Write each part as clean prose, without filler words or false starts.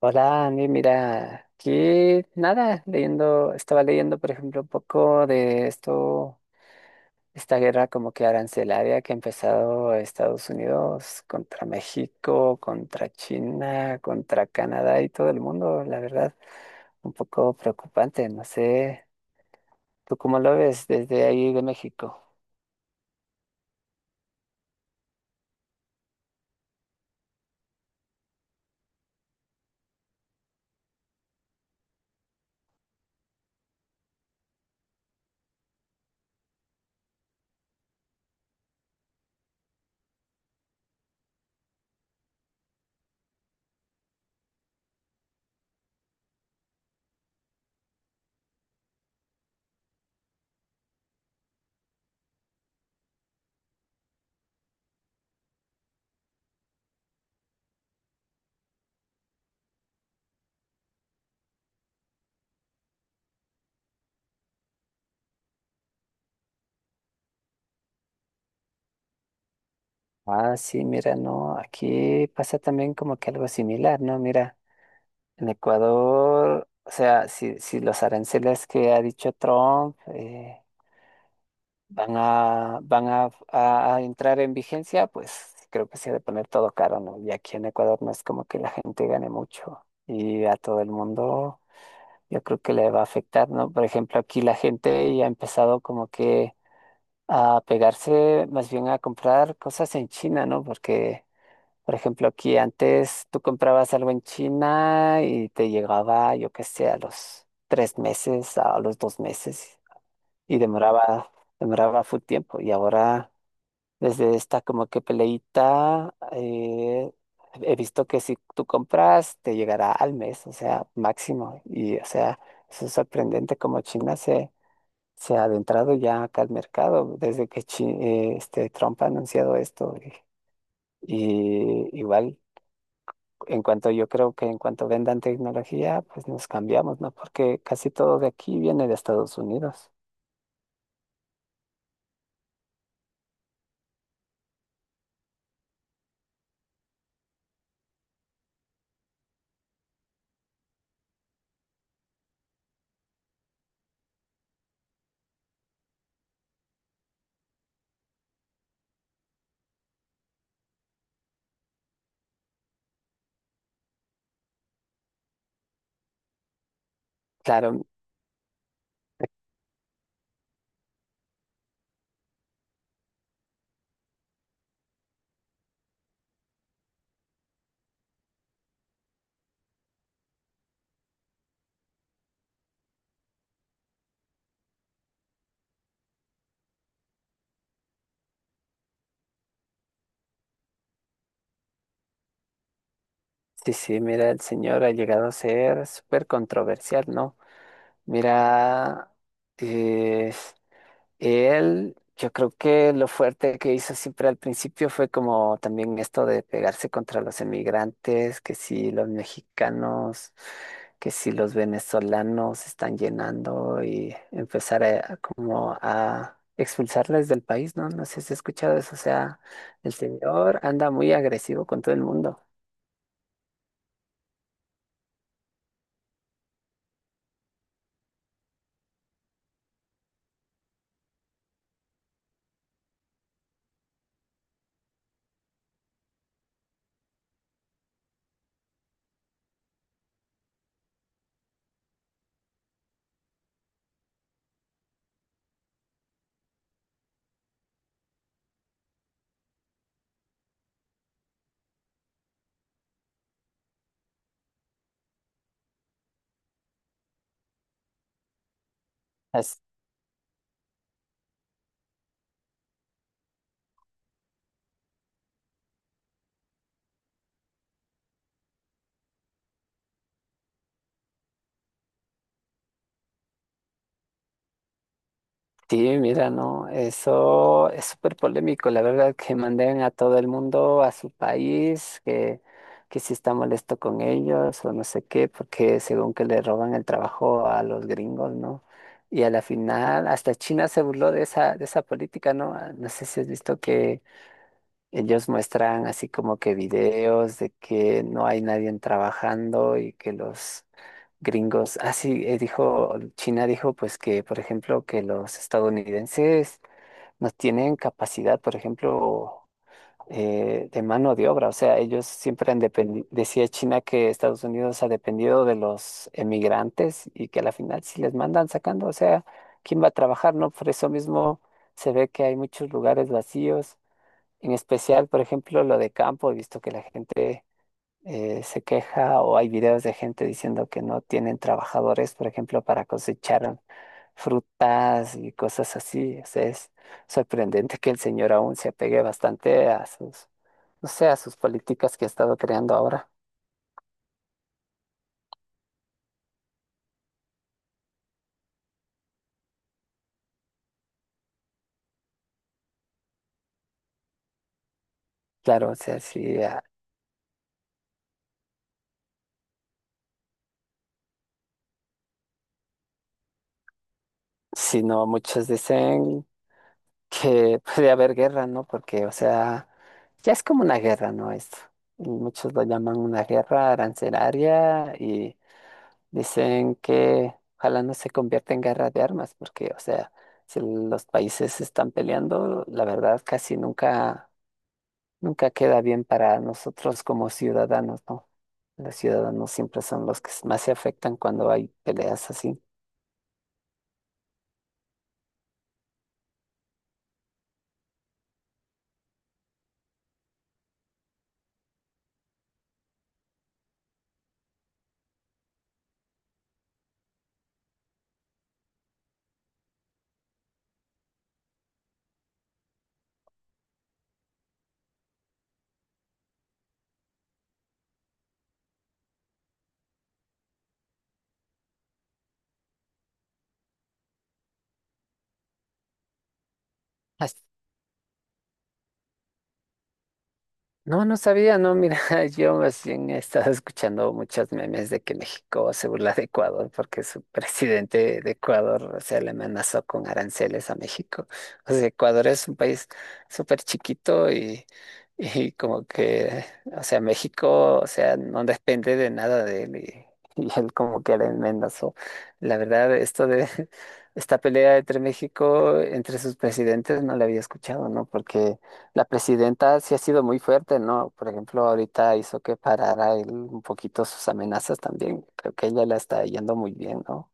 Hola, Andy, mira, aquí nada, estaba leyendo, por ejemplo, un poco de esto, esta guerra como que arancelaria que ha empezado Estados Unidos contra México, contra China, contra Canadá y todo el mundo, la verdad, un poco preocupante, no sé, ¿tú cómo lo ves desde ahí de México? Ah, sí, mira, no, aquí pasa también como que algo similar, ¿no? Mira. En Ecuador, o sea, si los aranceles que ha dicho Trump, van a entrar en vigencia, pues creo que se ha de poner todo caro, ¿no? Y aquí en Ecuador no es como que la gente gane mucho y a todo el mundo yo creo que le va a afectar, ¿no? Por ejemplo, aquí la gente ya ha empezado como que a pegarse más bien a comprar cosas en China, ¿no? Porque, por ejemplo, aquí antes tú comprabas algo en China y te llegaba, yo qué sé, a los 3 meses, a los 2 meses, y demoraba full tiempo. Y ahora, desde esta como que peleita, he visto que si tú compras, te llegará al mes, o sea, máximo. Y, o sea, eso es sorprendente, como China se ha adentrado ya acá al mercado desde que Trump ha anunciado esto. Y igual. En cuanto, yo creo que en cuanto vendan tecnología, pues nos cambiamos, ¿no? Porque casi todo de aquí viene de Estados Unidos. Claro, sí, sí, mira, el señor ha llegado a ser súper controversial, ¿no? Mira, eh, él, yo creo que lo fuerte que hizo siempre al principio fue como también esto de pegarse contra los emigrantes, que si los mexicanos, que si los venezolanos están llenando, y empezar a, como a expulsarles del país, ¿no? No sé si has escuchado eso, o sea, el señor anda muy agresivo con todo el mundo. Sí, mira, no, eso es súper polémico, la verdad, que manden a todo el mundo a su país, que si está molesto con ellos o no sé qué, porque según que le roban el trabajo a los gringos, ¿no? Y a la final, hasta China se burló de esa política, ¿no? Ah, no sé si has visto, ellos muestran así como que videos de que no hay nadie trabajando y que los gringos, así dijo, China dijo pues que, por ejemplo, que los estadounidenses no tienen capacidad, por ejemplo, de mano de obra, o sea, ellos siempre han dependido, decía China que Estados Unidos ha dependido de los emigrantes y que a la final si les mandan sacando, o sea, ¿quién va a trabajar, no? Por eso mismo se ve que hay muchos lugares vacíos, en especial, por ejemplo, lo de campo, he visto que la gente se queja, o hay videos de gente diciendo que no tienen trabajadores, por ejemplo, para cosechar frutas y cosas así. O sea, es sorprendente que el señor aún se apegue bastante a sus, no sé, a sus políticas que ha estado creando ahora. Claro, o sea, sí, si no, muchos dicen que puede haber guerra, ¿no? Porque, o sea, ya es como una guerra, ¿no? Esto. Y muchos lo llaman una guerra arancelaria y dicen que ojalá no se convierta en guerra de armas, porque, o sea, si los países están peleando, la verdad casi nunca queda bien para nosotros como ciudadanos, ¿no? Los ciudadanos siempre son los que más se afectan cuando hay peleas así. No, no sabía, no, mira, yo más bien he estado escuchando muchos memes de que México se burla de Ecuador porque su presidente de Ecuador, o sea, le amenazó con aranceles a México. O sea, Ecuador es un país súper chiquito y, y como que, o sea, México, o sea, no depende de nada de él, y y él como que le amenazó. La verdad, esto de esta pelea entre México, entre sus presidentes, no la había escuchado, ¿no? Porque la presidenta sí ha sido muy fuerte, ¿no? Por ejemplo, ahorita hizo que parara él un poquito sus amenazas también. Creo que ella la está yendo muy bien, ¿no?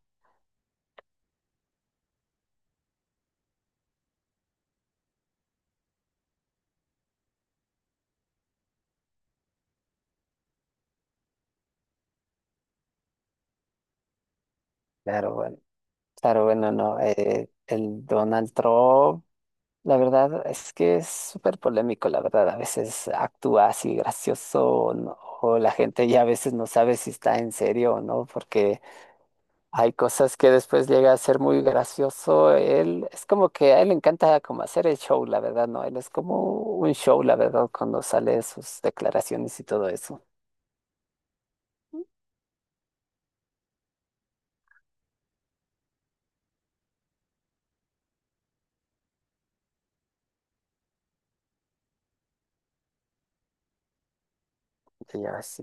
Claro, bueno, claro, bueno, no. El Donald Trump, la verdad es que es súper polémico, la verdad. A veces actúa así gracioso, o no- o la gente ya a veces no sabe si está en serio o no, porque hay cosas que después llega a ser muy gracioso. Él es como que a él le encanta como hacer el show, la verdad, ¿no? Él es como un show, la verdad, cuando sale sus declaraciones y todo eso. Ya ves.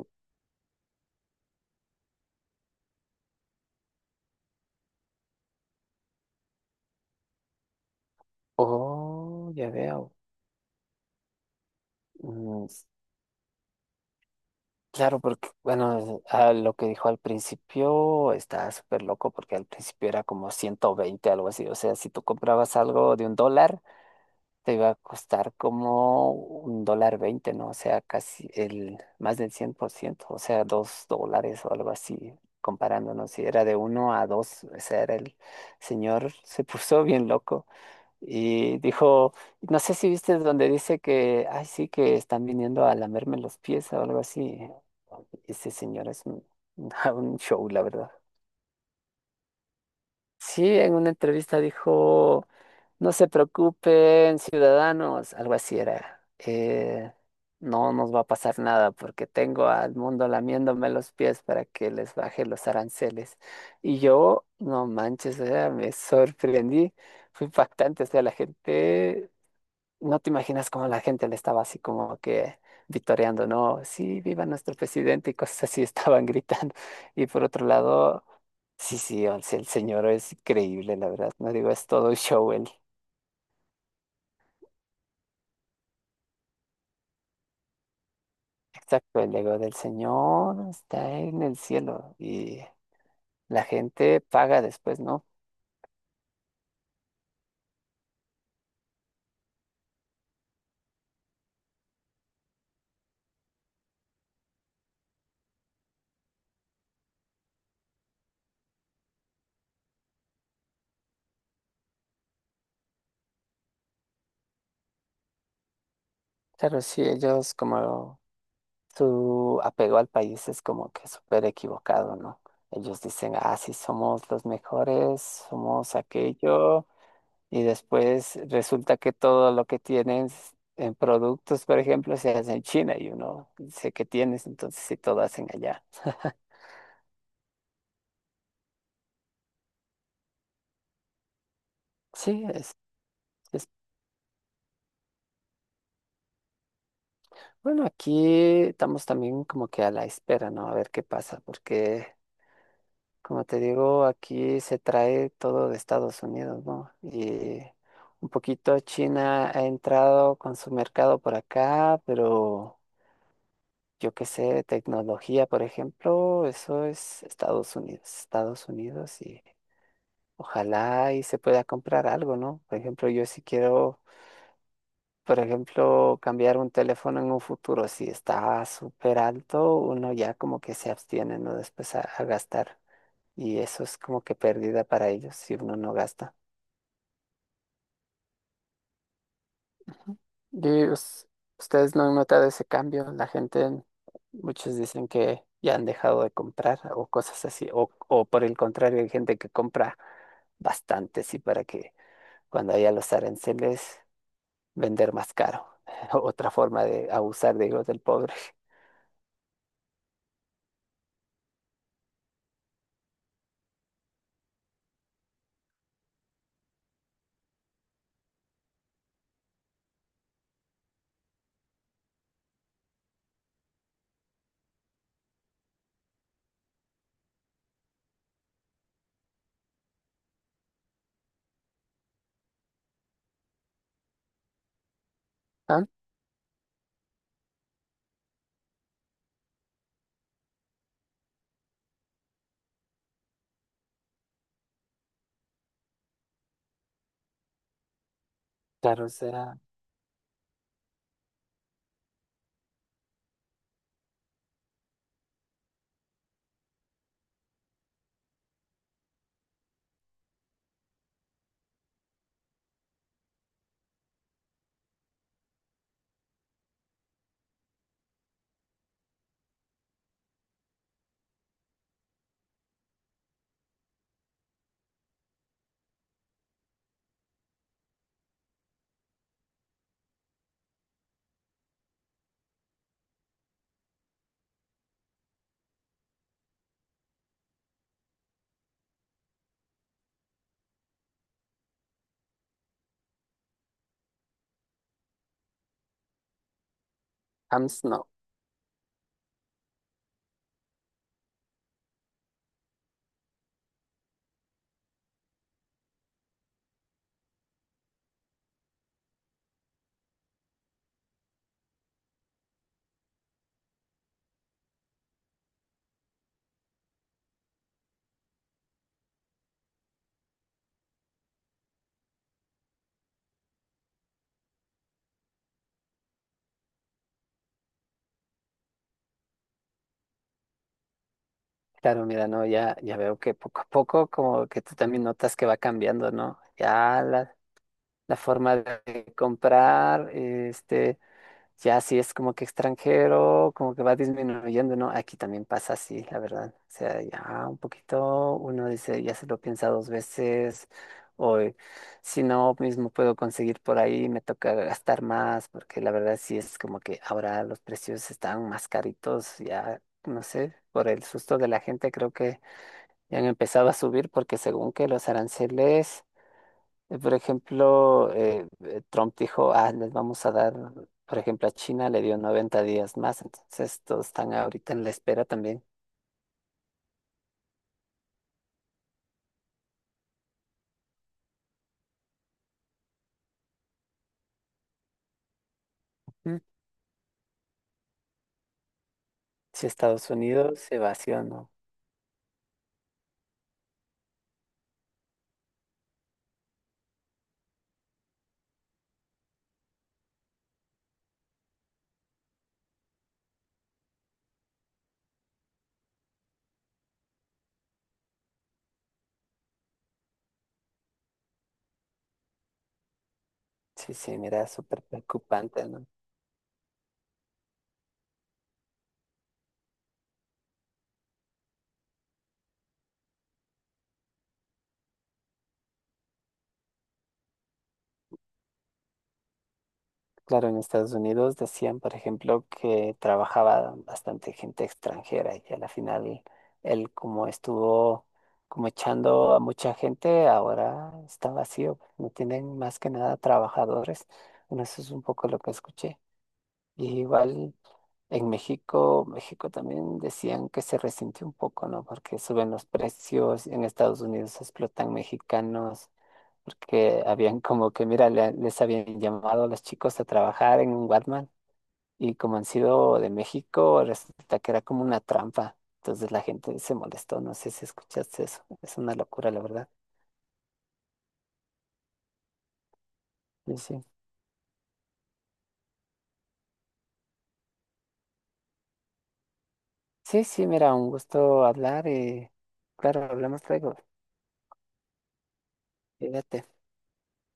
Oh, ya veo. Mm. Claro, porque, bueno, a lo que dijo al principio está súper loco, porque al principio era como 120, algo así. O sea, si tú comprabas algo de $1, te iba a costar como $1.20, ¿no? O sea, casi el más del 100%. O sea, $2 o algo así, comparándonos. Si era de uno a dos, o sea, era el señor se puso bien loco. Y dijo, no sé si viste donde dice que, ay, sí, que están viniendo a lamerme los pies o algo así. Ese señor es un, un show, la verdad. Sí, en una entrevista dijo, no se preocupen, ciudadanos, algo así era. No nos va a pasar nada porque tengo al mundo lamiéndome los pies para que les baje los aranceles. Y yo, no manches, o sea, me sorprendí, fue impactante, o sea, la gente, no te imaginas cómo la gente le estaba así como que vitoreando, ¿no? Sí, viva nuestro presidente y cosas así estaban gritando. Y por otro lado, sí, sí, o sea, el señor es increíble, la verdad. No digo, es todo un show el, exacto, el ego del señor está en el cielo y la gente paga después, ¿no? Claro, sí, ellos como su apego al país es como que súper equivocado, ¿no? Ellos dicen, ah, sí, somos los mejores, somos aquello. Y después resulta que todo lo que tienes en productos, por ejemplo, se hace en China y uno dice que tienes, entonces sí todo hacen allá. Sí, es- bueno, aquí estamos también como que a la espera, ¿no? A ver qué pasa, porque como te digo, aquí se trae todo de Estados Unidos, ¿no? Y un poquito China ha entrado con su mercado por acá, pero yo qué sé, tecnología, por ejemplo, eso es Estados Unidos, y ojalá y se pueda comprar algo, ¿no? Por ejemplo, yo si quiero, por ejemplo, cambiar un teléfono en un futuro, si está súper alto, uno ya como que se abstiene, ¿no? Después a gastar. Y eso es como que pérdida para ellos si uno no gasta. Ujú. Y us- Ustedes no han notado ese cambio. La gente, muchos dicen que ya han dejado de comprar o cosas así. O por el contrario, hay gente que compra bastantes y para que cuando haya los aranceles, vender más caro. Otra forma de abusar, digo, del pobre. Ah, claro, será. Hams no. Claro, mira, no, ya, ya veo que poco a poco como que tú también notas que va cambiando, ¿no? Ya la forma de comprar, este, ya si es como que extranjero, como que va disminuyendo, ¿no? Aquí también pasa así, la verdad. O sea, ya un poquito uno dice, ya se lo piensa dos veces, o si no, mismo puedo conseguir por ahí, me toca gastar más, porque la verdad sí es como que ahora los precios están más caritos, ya no sé, por el susto de la gente creo que ya han empezado a subir, porque según que los aranceles. Por ejemplo, Trump dijo, ah, les vamos a dar, por ejemplo, a China le dio 90 días más, entonces todos están ahorita en la espera también. Mm. Si Estados Unidos se vació, no. Sí, sí, mira, súper preocupante, ¿no? Claro, en Estados Unidos decían, por ejemplo, que trabajaba bastante gente extranjera y a la final él como estuvo como echando a mucha gente, ahora está vacío, no tienen más que nada trabajadores. Bueno, eso es un poco lo que escuché. Y igual en México también decían que se resintió un poco, ¿no? Porque suben los precios, en Estados Unidos explotan mexicanos, porque habían como que, mira, les habían llamado a los chicos a trabajar en un Walmart, y como han sido de México, resulta que era como una trampa. Entonces la gente se molestó, no sé si escuchaste eso, es una locura, la verdad. Y sí, sí, sí, mira, un gusto hablar, y claro, hablamos luego. Cuídate.